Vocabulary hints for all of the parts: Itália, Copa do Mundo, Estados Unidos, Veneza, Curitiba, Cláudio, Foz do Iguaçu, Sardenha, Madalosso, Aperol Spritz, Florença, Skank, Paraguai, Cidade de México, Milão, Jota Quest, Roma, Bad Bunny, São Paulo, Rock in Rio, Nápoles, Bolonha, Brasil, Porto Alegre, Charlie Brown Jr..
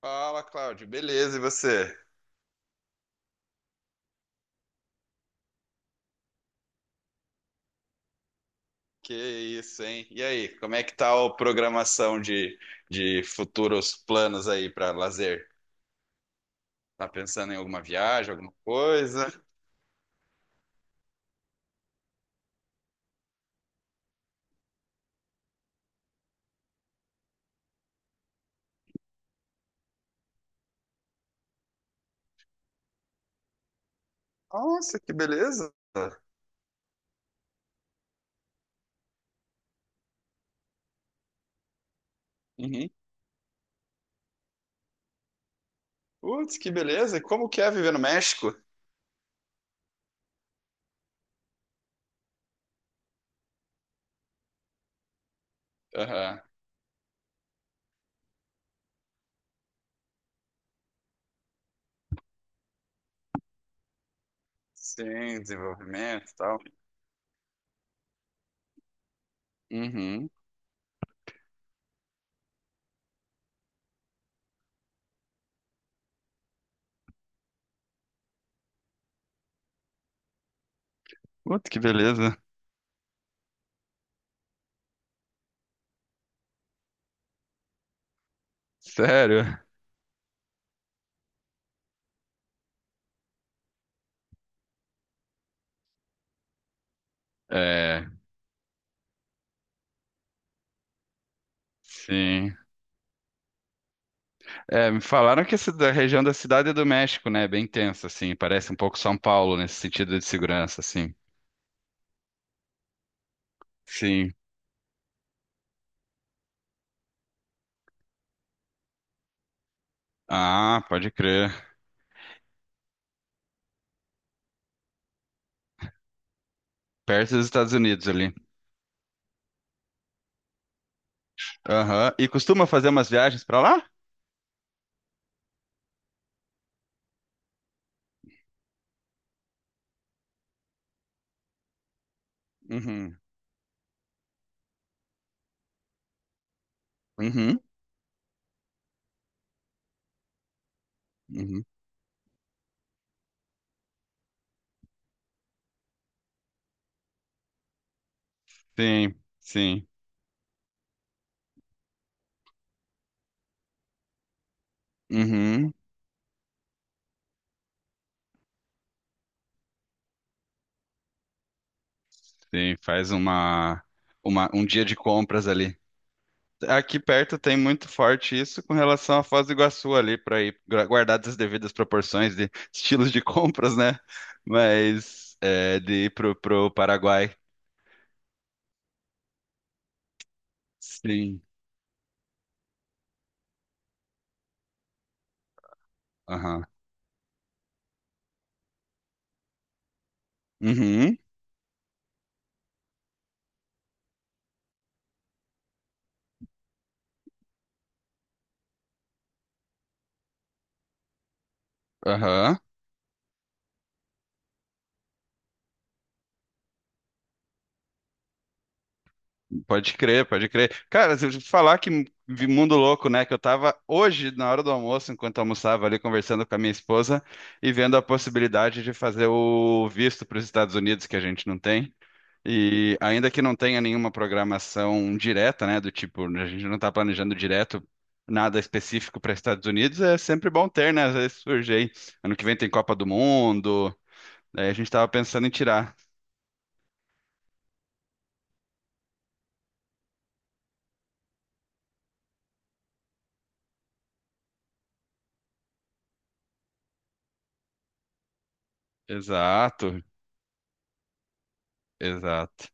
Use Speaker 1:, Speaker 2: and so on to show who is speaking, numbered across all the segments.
Speaker 1: Fala, Cláudio. Beleza, e você? Que isso, hein? E aí, como é que tá a programação de futuros planos aí para lazer? Tá pensando em alguma viagem, alguma coisa? Nossa, que beleza! Uhum. Putz, que beleza! E como que é viver no México? Aham. Sim, desenvolvimento e tal. Uhum. Putz, que beleza! Sério? É, sim. É, me falaram que essa da região da Cidade é do México, né, é bem tensa, assim, parece um pouco São Paulo nesse sentido de segurança, assim. Sim. Ah, pode crer. Perto dos Estados Unidos ali. Aham. E costuma fazer umas viagens pra lá? Uhum. Uhum. Uhum. Sim, sim. Uhum. Sim, faz uma, um dia de compras ali. Aqui perto tem muito forte isso com relação à Foz do Iguaçu ali, para ir guardadas as devidas proporções de estilos de compras, né? Mas é, de ir pro Paraguai. Sim. Aham. Uhum. Aham. Pode crer, pode crer. Cara, se eu te falar que vi mundo louco, né? Que eu tava hoje, na hora do almoço, enquanto eu almoçava ali, conversando com a minha esposa e vendo a possibilidade de fazer o visto para os Estados Unidos, que a gente não tem. E ainda que não tenha nenhuma programação direta, né, do tipo, a gente não está planejando direto nada específico para Estados Unidos, é sempre bom ter, né? Às vezes surge aí. Ano que vem tem Copa do Mundo, aí a gente estava pensando em tirar. Exato, exato.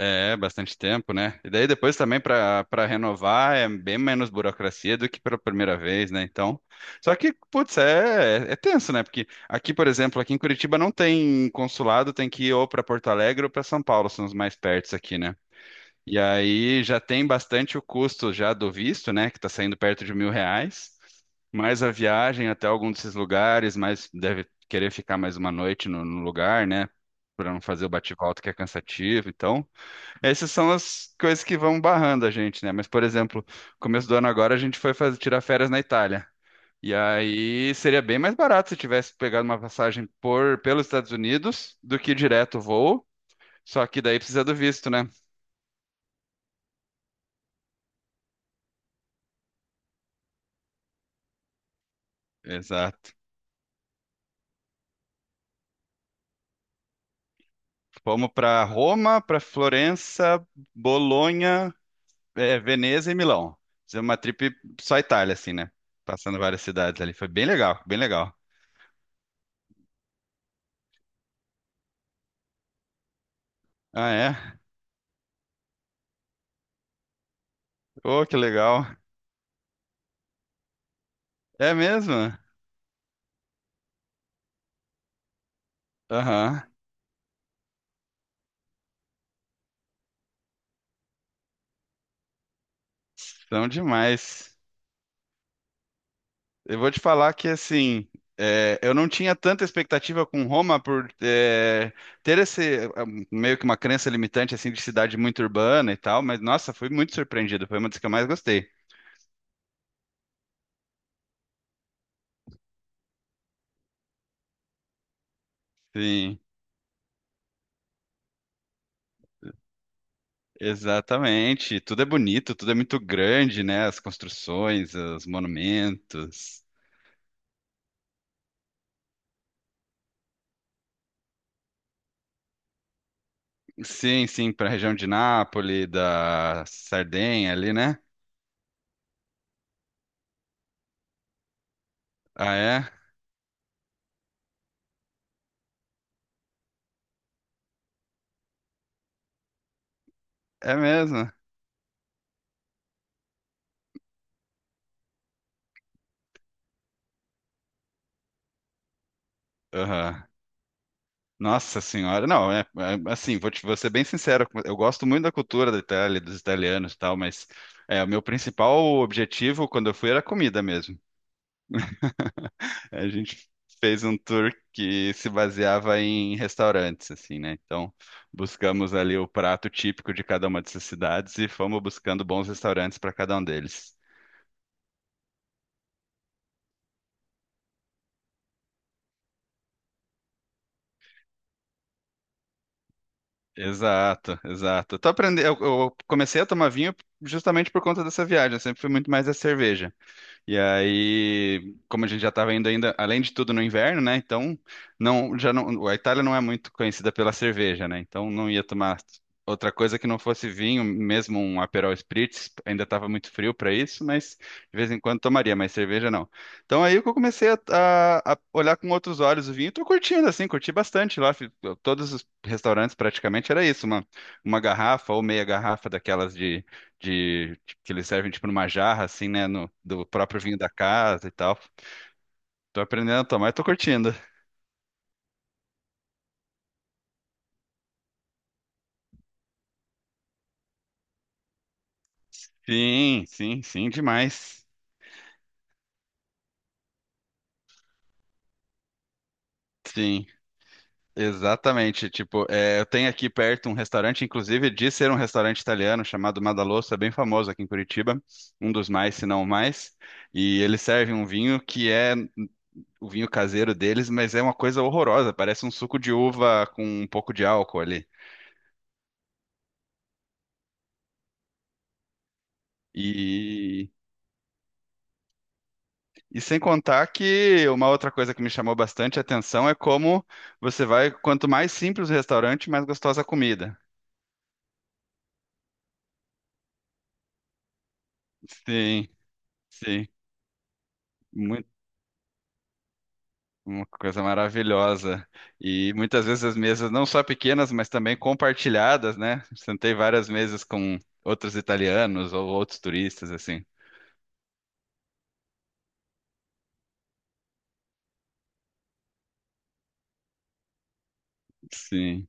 Speaker 1: É, bastante tempo, né? E daí depois também para renovar é bem menos burocracia do que pela primeira vez, né? Então, só que, putz, é, é tenso, né? Porque aqui, por exemplo, aqui em Curitiba não tem consulado, tem que ir ou para Porto Alegre ou para São Paulo, são os mais pertos aqui, né? E aí já tem bastante o custo já do visto, né? Que tá saindo perto de R$ 1.000, mais a viagem até algum desses lugares, mais deve querer ficar mais uma noite no lugar, né? Para não fazer o bate-volta que é cansativo, então. Essas são as coisas que vão barrando a gente, né? Mas, por exemplo, começo do ano agora a gente foi fazer, tirar férias na Itália. E aí seria bem mais barato se tivesse pegado uma passagem por pelos Estados Unidos do que direto o voo. Só que daí precisa do visto, né? Exato. Fomos para Roma, para Florença, Bolonha, Veneza e Milão. Fizemos uma trip só Itália, assim, né? Passando várias cidades ali. Foi bem legal, bem legal. Ah, é? Oh, que legal. É mesmo? Aham. São demais. Eu vou te falar que assim, é, eu não tinha tanta expectativa com Roma ter meio que uma crença limitante assim de cidade muito urbana e tal, mas nossa, fui muito surpreendido. Foi uma das que eu mais gostei. Sim, exatamente. Tudo é bonito, tudo é muito grande, né? As construções, os monumentos. Sim, sim, para a região de Nápoles, da Sardenha ali, né? Ah, é? É mesmo. Aham. Nossa senhora, não, assim, vou ser bem sincero, eu gosto muito da cultura da Itália, dos italianos e tal, mas é, o meu principal objetivo quando eu fui era comida mesmo. A gente fez um tour que se baseava em restaurantes, assim, né? Então, buscamos ali o prato típico de cada uma dessas cidades e fomos buscando bons restaurantes para cada um deles. Exato, exato. Tô aprendendo, eu comecei a tomar vinho justamente por conta dessa viagem, eu sempre fui muito mais a cerveja. E aí, como a gente já estava indo ainda, além de tudo no inverno, né? Então, não, já não, a Itália não é muito conhecida pela cerveja, né? Então, não ia tomar outra coisa que não fosse vinho, mesmo um Aperol Spritz, ainda estava muito frio para isso, mas de vez em quando tomaria, mas cerveja não. Então, aí que eu comecei a olhar com outros olhos o vinho, e tô curtindo assim, curti bastante lá, todos os restaurantes praticamente era isso, uma garrafa ou meia garrafa daquelas de que eles servem tipo numa jarra, assim, né? No, do próprio vinho da casa e tal. Tô aprendendo a tomar e tô curtindo. Sim, sim, sim, demais. Sim, exatamente. Tipo, é, eu tenho aqui perto um restaurante, inclusive de ser um restaurante italiano chamado Madalosso, é bem famoso aqui em Curitiba, um dos mais, se não o mais. E eles servem um vinho que é o vinho caseiro deles, mas é uma coisa horrorosa, parece um suco de uva com um pouco de álcool ali. E E sem contar que uma outra coisa que me chamou bastante atenção é como você vai, quanto mais simples o restaurante, mais gostosa a comida. Sim, sim, muito, uma coisa maravilhosa. E muitas vezes as mesas não só pequenas, mas também compartilhadas, né? Sentei várias mesas com outros italianos ou outros turistas, assim. Sim,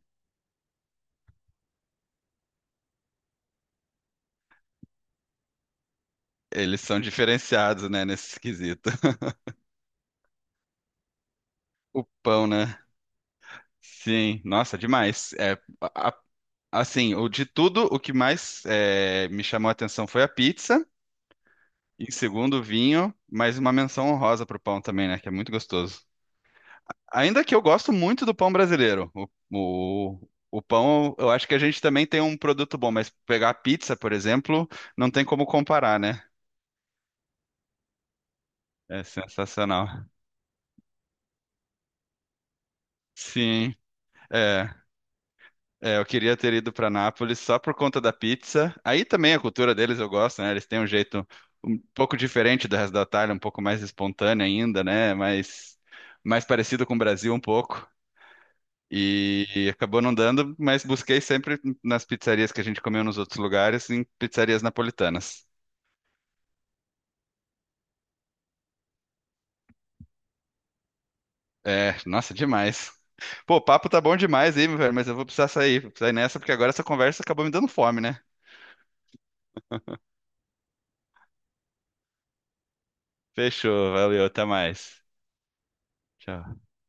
Speaker 1: eles são diferenciados, né, nesse quesito. O pão, né? Sim, nossa, demais. É, a Assim, o de tudo, o que mais me chamou a atenção foi a pizza. Em segundo, o vinho, mas uma menção honrosa pro pão também, né? Que é muito gostoso. Ainda que eu gosto muito do pão brasileiro. O pão, eu acho que a gente também tem um produto bom, mas pegar a pizza, por exemplo, não tem como comparar, né? É sensacional. Sim, é. É, eu queria ter ido para Nápoles só por conta da pizza. Aí também a cultura deles eu gosto, né? Eles têm um jeito um pouco diferente do resto da Itália, um pouco mais espontâneo ainda, né? Mais parecido com o Brasil um pouco. E acabou não dando, mas busquei sempre nas pizzarias que a gente comeu nos outros lugares, em pizzarias napolitanas. É, nossa, demais. Pô, o papo tá bom demais aí, meu velho, mas eu vou precisar sair, vou precisar ir nessa, porque agora essa conversa acabou me dando fome, né? Fechou, valeu, até mais. Tchau.